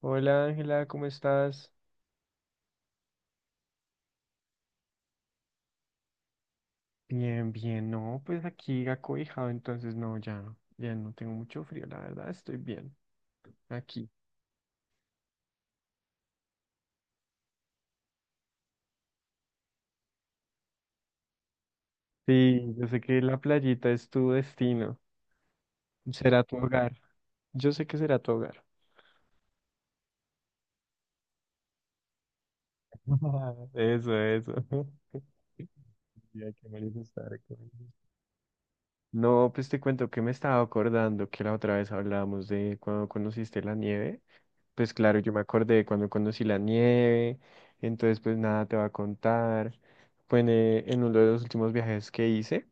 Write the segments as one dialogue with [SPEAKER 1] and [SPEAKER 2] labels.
[SPEAKER 1] Hola Ángela, ¿cómo estás? Bien, bien, no, pues aquí acobijado, entonces no, ya, ya no tengo mucho frío, la verdad, estoy bien aquí. Sí, yo sé que la playita es tu destino, será tu hogar, yo sé que será tu hogar. Eso, eso. Ya, qué manifestar. Qué bueno. No, pues te cuento que me estaba acordando que la otra vez hablábamos de cuando conociste la nieve. Pues claro, yo me acordé de cuando conocí la nieve, entonces pues nada te va a contar. Bueno, en uno de los últimos viajes que hice,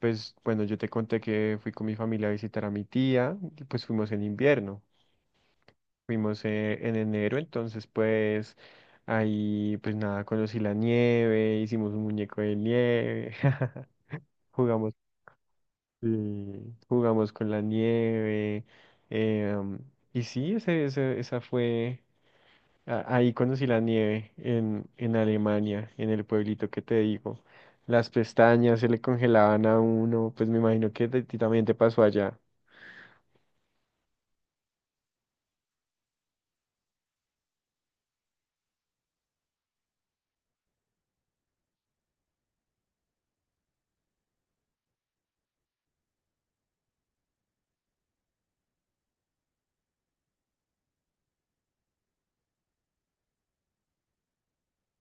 [SPEAKER 1] pues bueno, yo te conté que fui con mi familia a visitar a mi tía, y pues fuimos en invierno, fuimos en enero, entonces pues ahí pues nada, conocí la nieve, hicimos un muñeco de nieve, jugamos, sí, jugamos con la nieve, em, y sí, esa fue... Ahí conocí la nieve en Alemania, en el pueblito que te digo. Las pestañas se le congelaban a uno, pues me imagino que a ti también te pasó allá.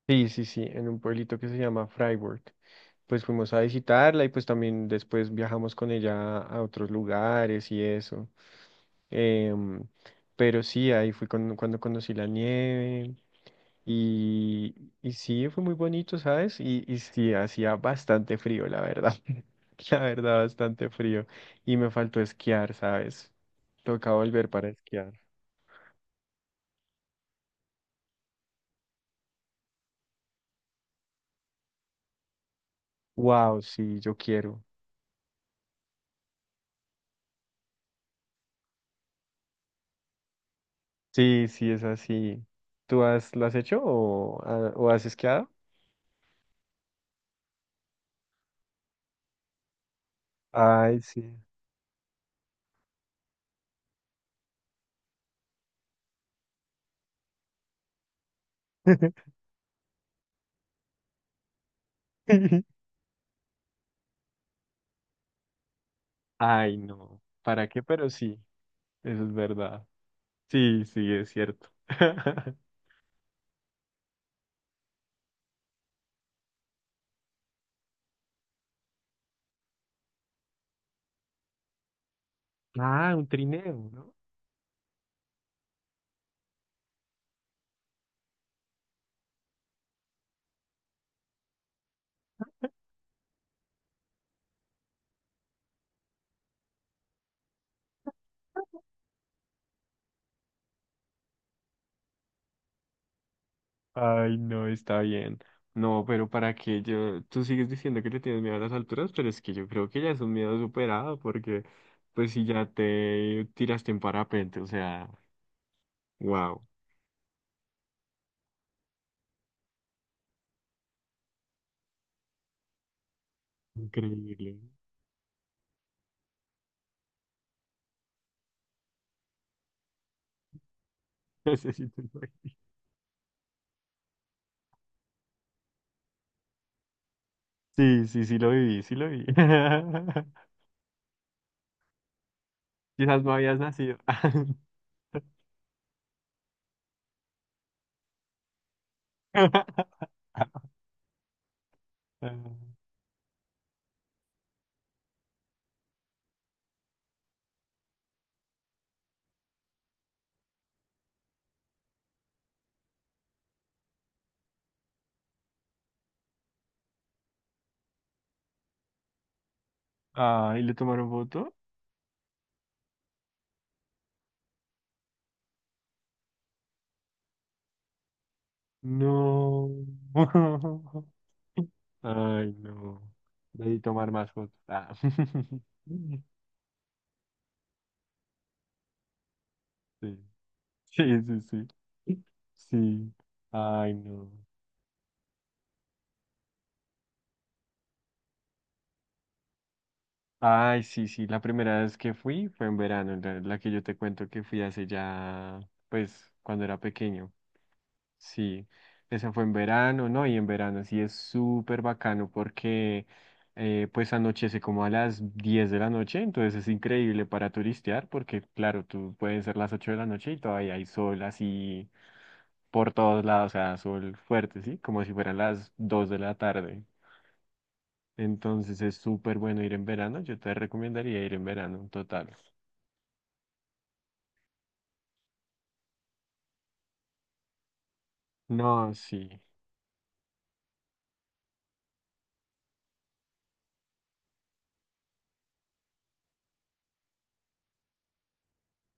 [SPEAKER 1] Sí, sí, sí, en un pueblito que se llama Freiburg. Pues fuimos a visitarla y pues también después viajamos con ella a otros lugares y eso. Em, pero sí, ahí cuando conocí la nieve. Y sí, fue muy bonito, ¿sabes? Y sí, hacía bastante frío, la verdad. La verdad, bastante frío. Y me faltó esquiar, ¿sabes? Toca volver para esquiar. Wow, sí, yo quiero. Sí, sí, es así. ¿Tú has, lo has hecho o has esquiado? Ay, sí. Ay, no. ¿Para qué? Pero sí, eso es verdad. Sí, sí, es cierto. Ah, un trineo, no. Ay, no, está bien. No, pero para qué yo, tú sigues diciendo que le tienes miedo a las alturas, pero es que yo creo que ya es un miedo superado, porque pues si ya te tiraste en parapente, o sea, wow, increíble. No sé si te lo- Sí, sí, sí lo viví, sí lo vi. Quizás no habías nacido. Ah, ¿y le tomaron foto? No. Ay, no. Debí tomar más fotos. Ah. Sí, sí, sí, sí. Sí. Ay, no. Ay, sí, sí. La primera vez que fui fue en verano, la que yo te cuento que fui hace ya, pues, cuando era pequeño. Sí, esa fue en verano, ¿no? Y en verano sí es súper bacano porque pues anochece como a las 10 de la noche, entonces es increíble para turistear porque claro, tú pueden ser las 8 de la noche y todavía hay sol así por todos lados, o sea, sol fuerte, ¿sí? Como si fueran las 2 de la tarde. Entonces es súper bueno ir en verano, yo te recomendaría ir en verano, total. No, sí,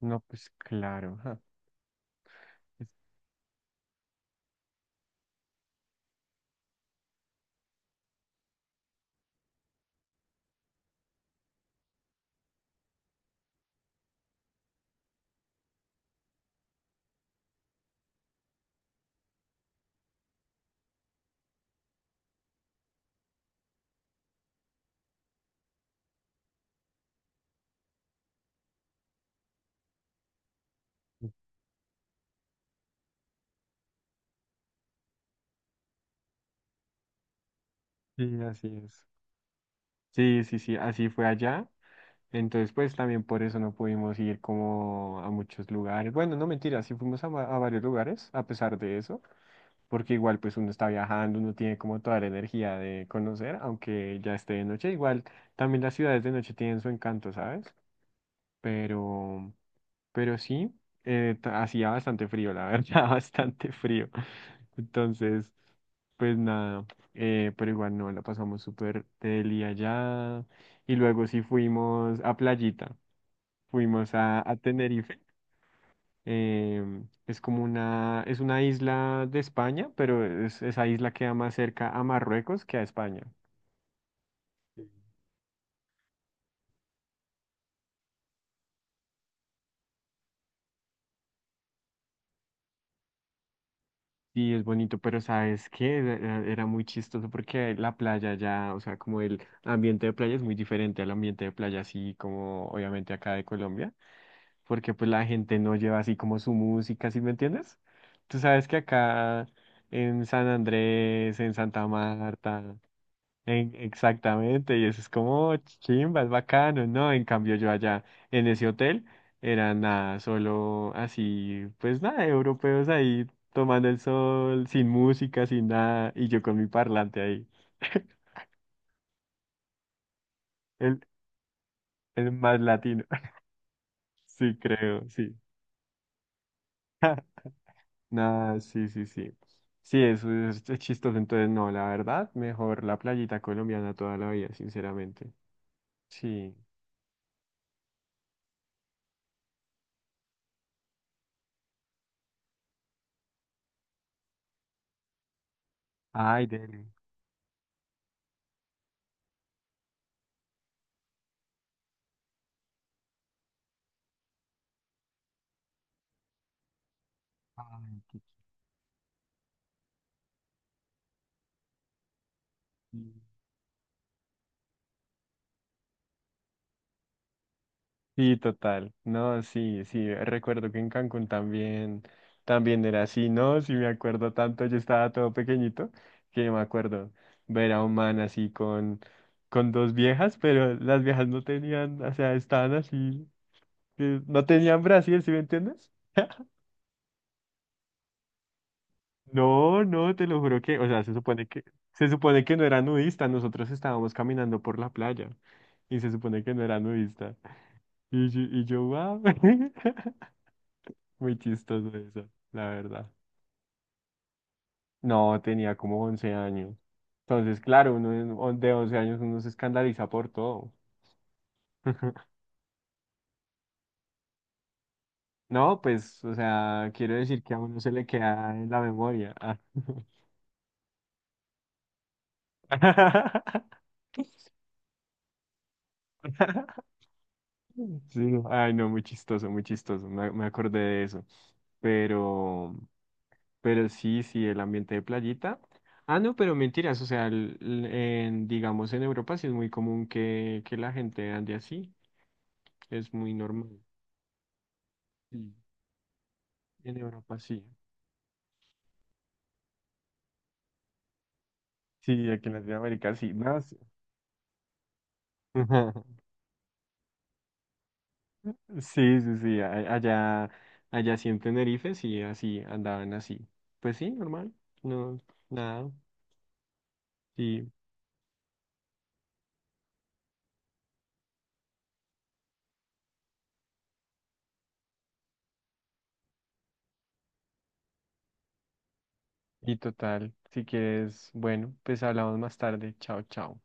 [SPEAKER 1] no, pues claro. Ajá. Sí, así es. Sí, sí, sí, así fue allá. Entonces, pues también por eso no pudimos ir como a muchos lugares. Bueno, no mentira, sí fuimos a, a varios lugares a pesar de eso, porque igual pues uno está viajando, uno tiene como toda la energía de conocer, aunque ya esté de noche. Igual también las ciudades de noche tienen su encanto, ¿sabes? Pero, pero sí, hacía bastante frío, la verdad, bastante frío. Entonces, pues nada, pero igual no, la pasamos súper deli allá. Y luego sí fuimos a Playita. Fuimos a Tenerife. Es como una, es una isla de España, pero esa isla queda más cerca a Marruecos que a España. Sí es bonito, pero ¿sabes qué? Era, era muy chistoso porque la playa ya, o sea, como el ambiente de playa es muy diferente al ambiente de playa así como obviamente acá de Colombia, porque pues la gente no lleva así como su música, ¿sí me entiendes? Tú sabes que acá en San Andrés, en Santa Marta, exactamente, y eso es como chimba, es bacano, ¿no? En cambio yo allá en ese hotel era nada, solo así, pues nada, europeos ahí tomando el sol, sin música, sin nada, y yo con mi parlante ahí, el, el más latino, sí creo, sí. Nada, sí, sí, sí. Sí, eso es chistoso, entonces no, la verdad, mejor la playita colombiana toda la vida, sinceramente. Sí. Ay, deli. Ay, qué chido. Sí, total. No, sí, sí. Recuerdo que en Cancún también, también era así, ¿no? Sí, me acuerdo tanto. Yo estaba todo pequeñito que me acuerdo ver a un man así con dos viejas, pero las viejas no tenían, o sea, estaban así, no tenían Brasil, ¿sí me entiendes? No, no, te lo juro que, o sea, se supone que no era nudista, nosotros estábamos caminando por la playa y se supone que no era nudista. Y yo, wow. Muy chistoso eso, la verdad. No, tenía como 11 años. Entonces, claro, uno de 11 años uno se escandaliza por todo. No, pues, o sea, quiero decir que a uno se le queda en la memoria. Ah. Sí, no, ay, no, muy chistoso, muy chistoso. Me acordé de eso. Pero, pero sí, sí, el ambiente de playita. Ah, no, pero mentiras, o sea, digamos en Europa sí es muy común que la gente ande así. Es muy normal. Y en Europa sí. Sí, aquí en Latinoamérica sí. No, sí, sí, sí, sí. Allá, allá sí en Tenerife sí, así andaban así. Pues sí, normal. No, nada. Y, y total. Si quieres, bueno, pues hablamos más tarde. Chao, chao.